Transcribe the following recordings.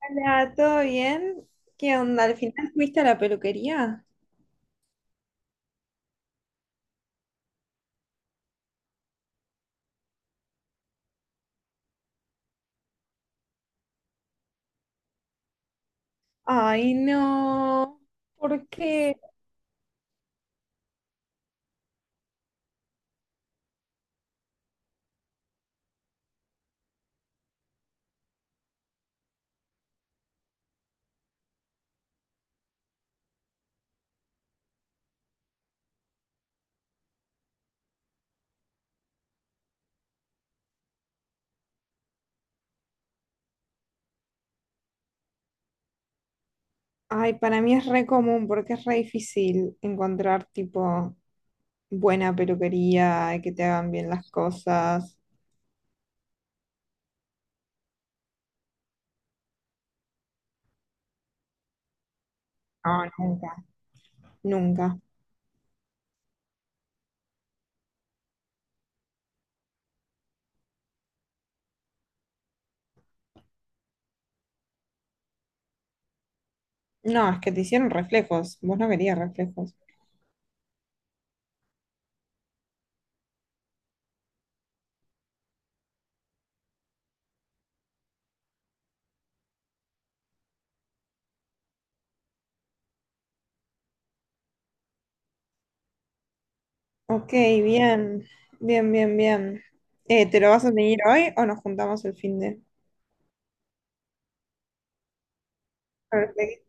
Hola, ¿todo bien? ¿Qué onda? ¿Al final fuiste a la peluquería? Ay, no. ¿Por qué? Ay, para mí es re común porque es re difícil encontrar tipo buena peluquería y que te hagan bien las cosas. No, nunca. Nunca. No, es que te hicieron reflejos. Vos no querías reflejos. Ok, bien. Bien, bien, bien. ¿Te lo vas a tener hoy o nos juntamos el fin de?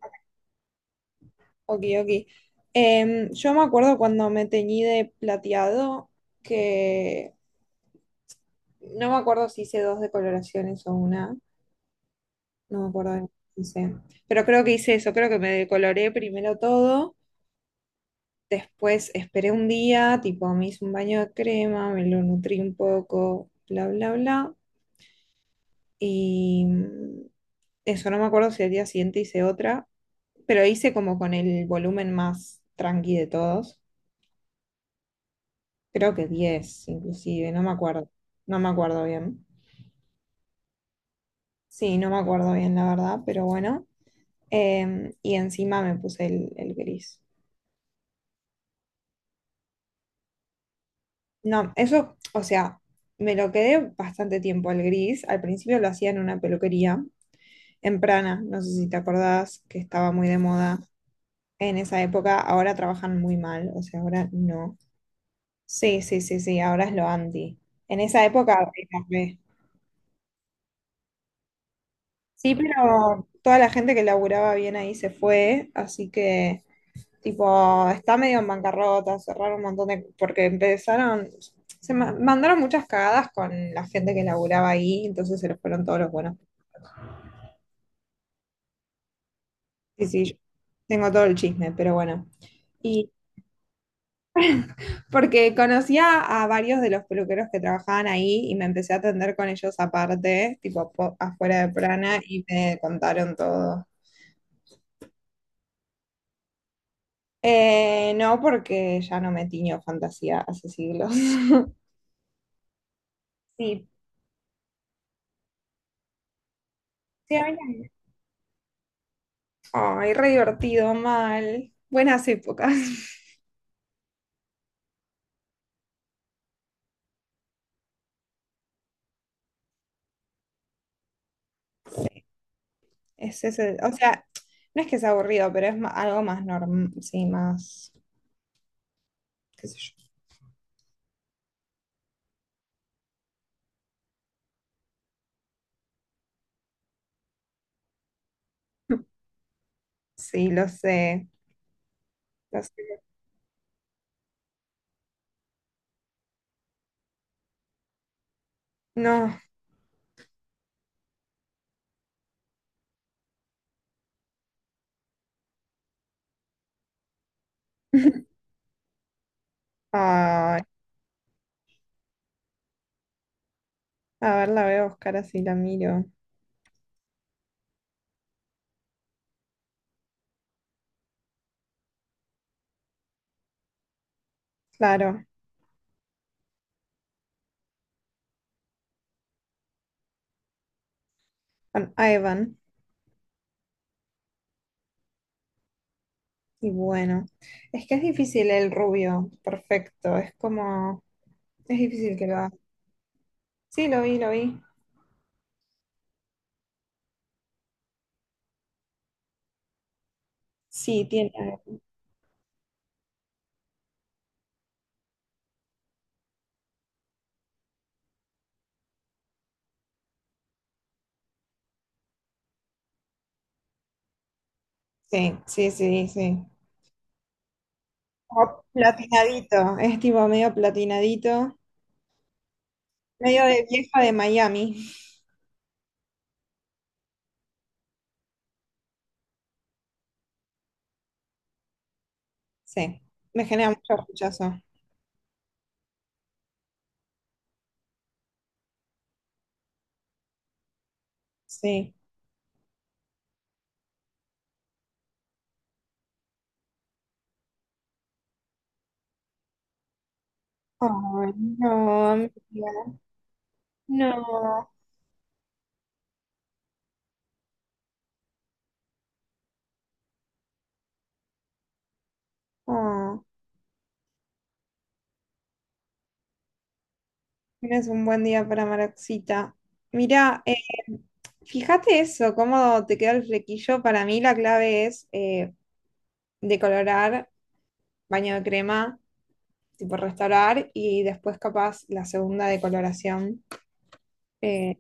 Ok, ok. Yo me acuerdo cuando me teñí de plateado, que no me acuerdo si hice dos decoloraciones o una, no me acuerdo, bien, no sé. Pero creo que hice eso, creo que me decoloré primero todo, después esperé un día, tipo me hice un baño de crema, me lo nutrí un poco, bla, bla, bla. Y eso no me acuerdo si al día siguiente hice otra, pero hice como con el volumen más tranqui de todos. Creo que 10, inclusive, no me acuerdo. No me acuerdo bien. Sí, no me acuerdo bien, la verdad, pero bueno. Y encima me puse el gris. No, eso, o sea, me lo quedé bastante tiempo el gris. Al principio lo hacía en una peluquería, en Prana, no sé si te acordás, que estaba muy de moda en esa época. Ahora trabajan muy mal, o sea, ahora no. Sí, sí, sí, sí, ahora es lo anti. En esa época era re. Sí, pero toda la gente que laburaba bien ahí se fue, así que, tipo, está medio en bancarrota, cerraron un montón de porque empezaron, mandaron muchas cagadas con la gente que laburaba ahí, entonces se les fueron todos los buenos. Sí, sí, yo tengo todo el chisme, pero bueno. Y porque conocía a varios de los peluqueros que trabajaban ahí y me empecé a atender con ellos aparte, tipo, afuera de Prana, y me contaron todo. No, porque ya no me tiño fantasía hace siglos. Sí, sí, a mí también. Ay, re divertido, mal. Buenas épocas. Es ese, o sea, no es que sea aburrido, pero es algo más normal, sí, más, qué sé yo. Sí, lo sé, lo sé. No. Ay, a ver, la voy a buscar así, la miro. Claro, con Ivan. Y bueno, es que es difícil el rubio, perfecto. Es como, es difícil que lo Sí, lo vi, lo vi. Sí, tiene. Sí, sí, sí, sí. Como platinadito, es tipo medio platinadito, medio de vieja de Miami. Sí, me genera mucho rechazo. Sí. Ay, no, amiga. No. Oh, tienes un buen día para Maroxita. Mira, fíjate eso, cómo te queda el flequillo. Para mí la clave es decolorar baño de crema, tipo restaurar, y después capaz la segunda de coloración. Eh,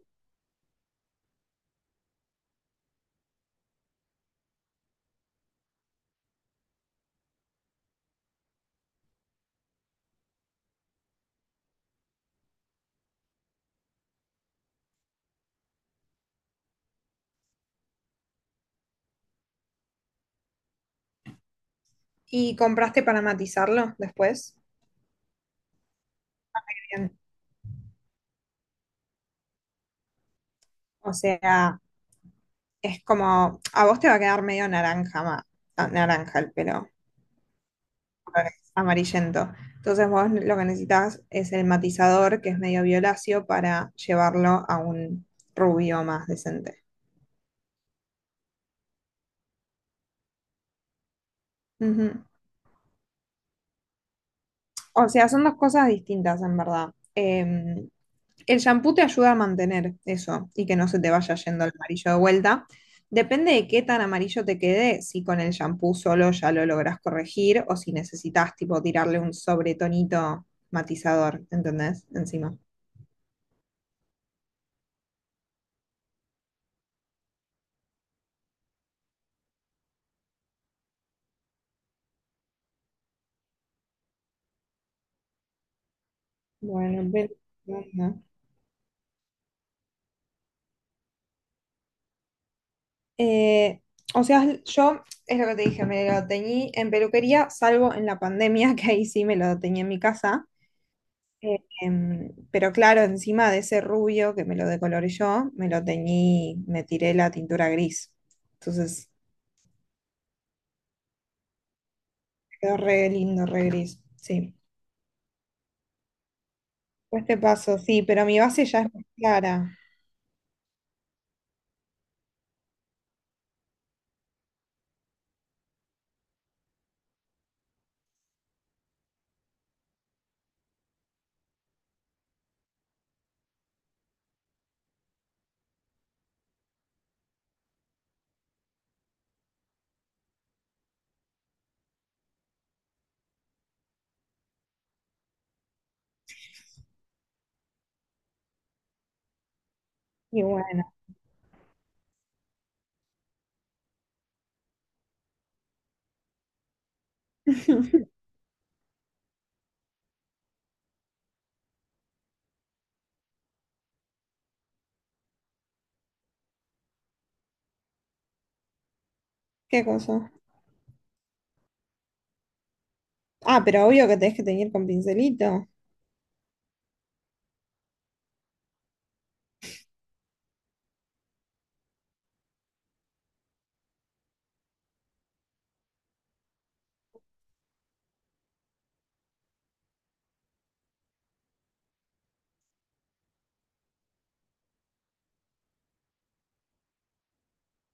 ¿Y compraste para matizarlo después? Bien. O sea, es como, a vos te va a quedar medio naranja, naranja el pelo, amarillento. Entonces vos lo que necesitas es el matizador, que es medio violáceo, para llevarlo a un rubio más decente. Ujú. O sea, son dos cosas distintas en verdad. Em, el shampoo te ayuda a mantener eso y que no se te vaya yendo el amarillo de vuelta. Depende de qué tan amarillo te quede, si con el shampoo solo ya lo logras corregir o si necesitas tipo tirarle un sobretonito matizador, ¿entendés? Encima. Bueno, ¿no? Eh, o sea, yo es lo que te dije, me lo teñí en peluquería, salvo en la pandemia, que ahí sí me lo teñí en mi casa. Pero claro, encima de ese rubio que me lo decoloré yo, me lo teñí, me tiré la tintura gris. Entonces quedó re lindo, re gris. Sí. Pues te paso, sí, pero mi base ya es más clara. Y bueno. ¿Qué cosa? Ah, pero obvio que tenés que teñir con pincelito.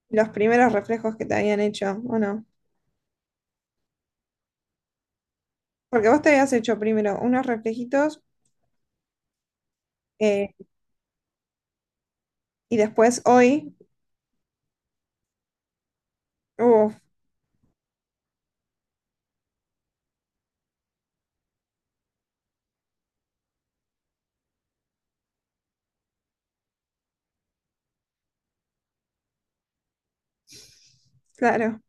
Los primeros reflejos que te habían hecho, ¿o no? Porque vos te habías hecho primero unos reflejitos eh, y después hoy. Uf, claro.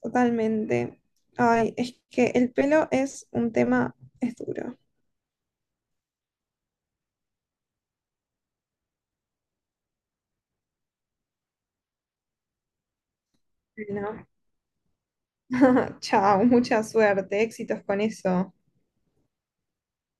Totalmente. Ay, es que el pelo es un tema, es duro. No. Chao, mucha suerte, éxitos con eso.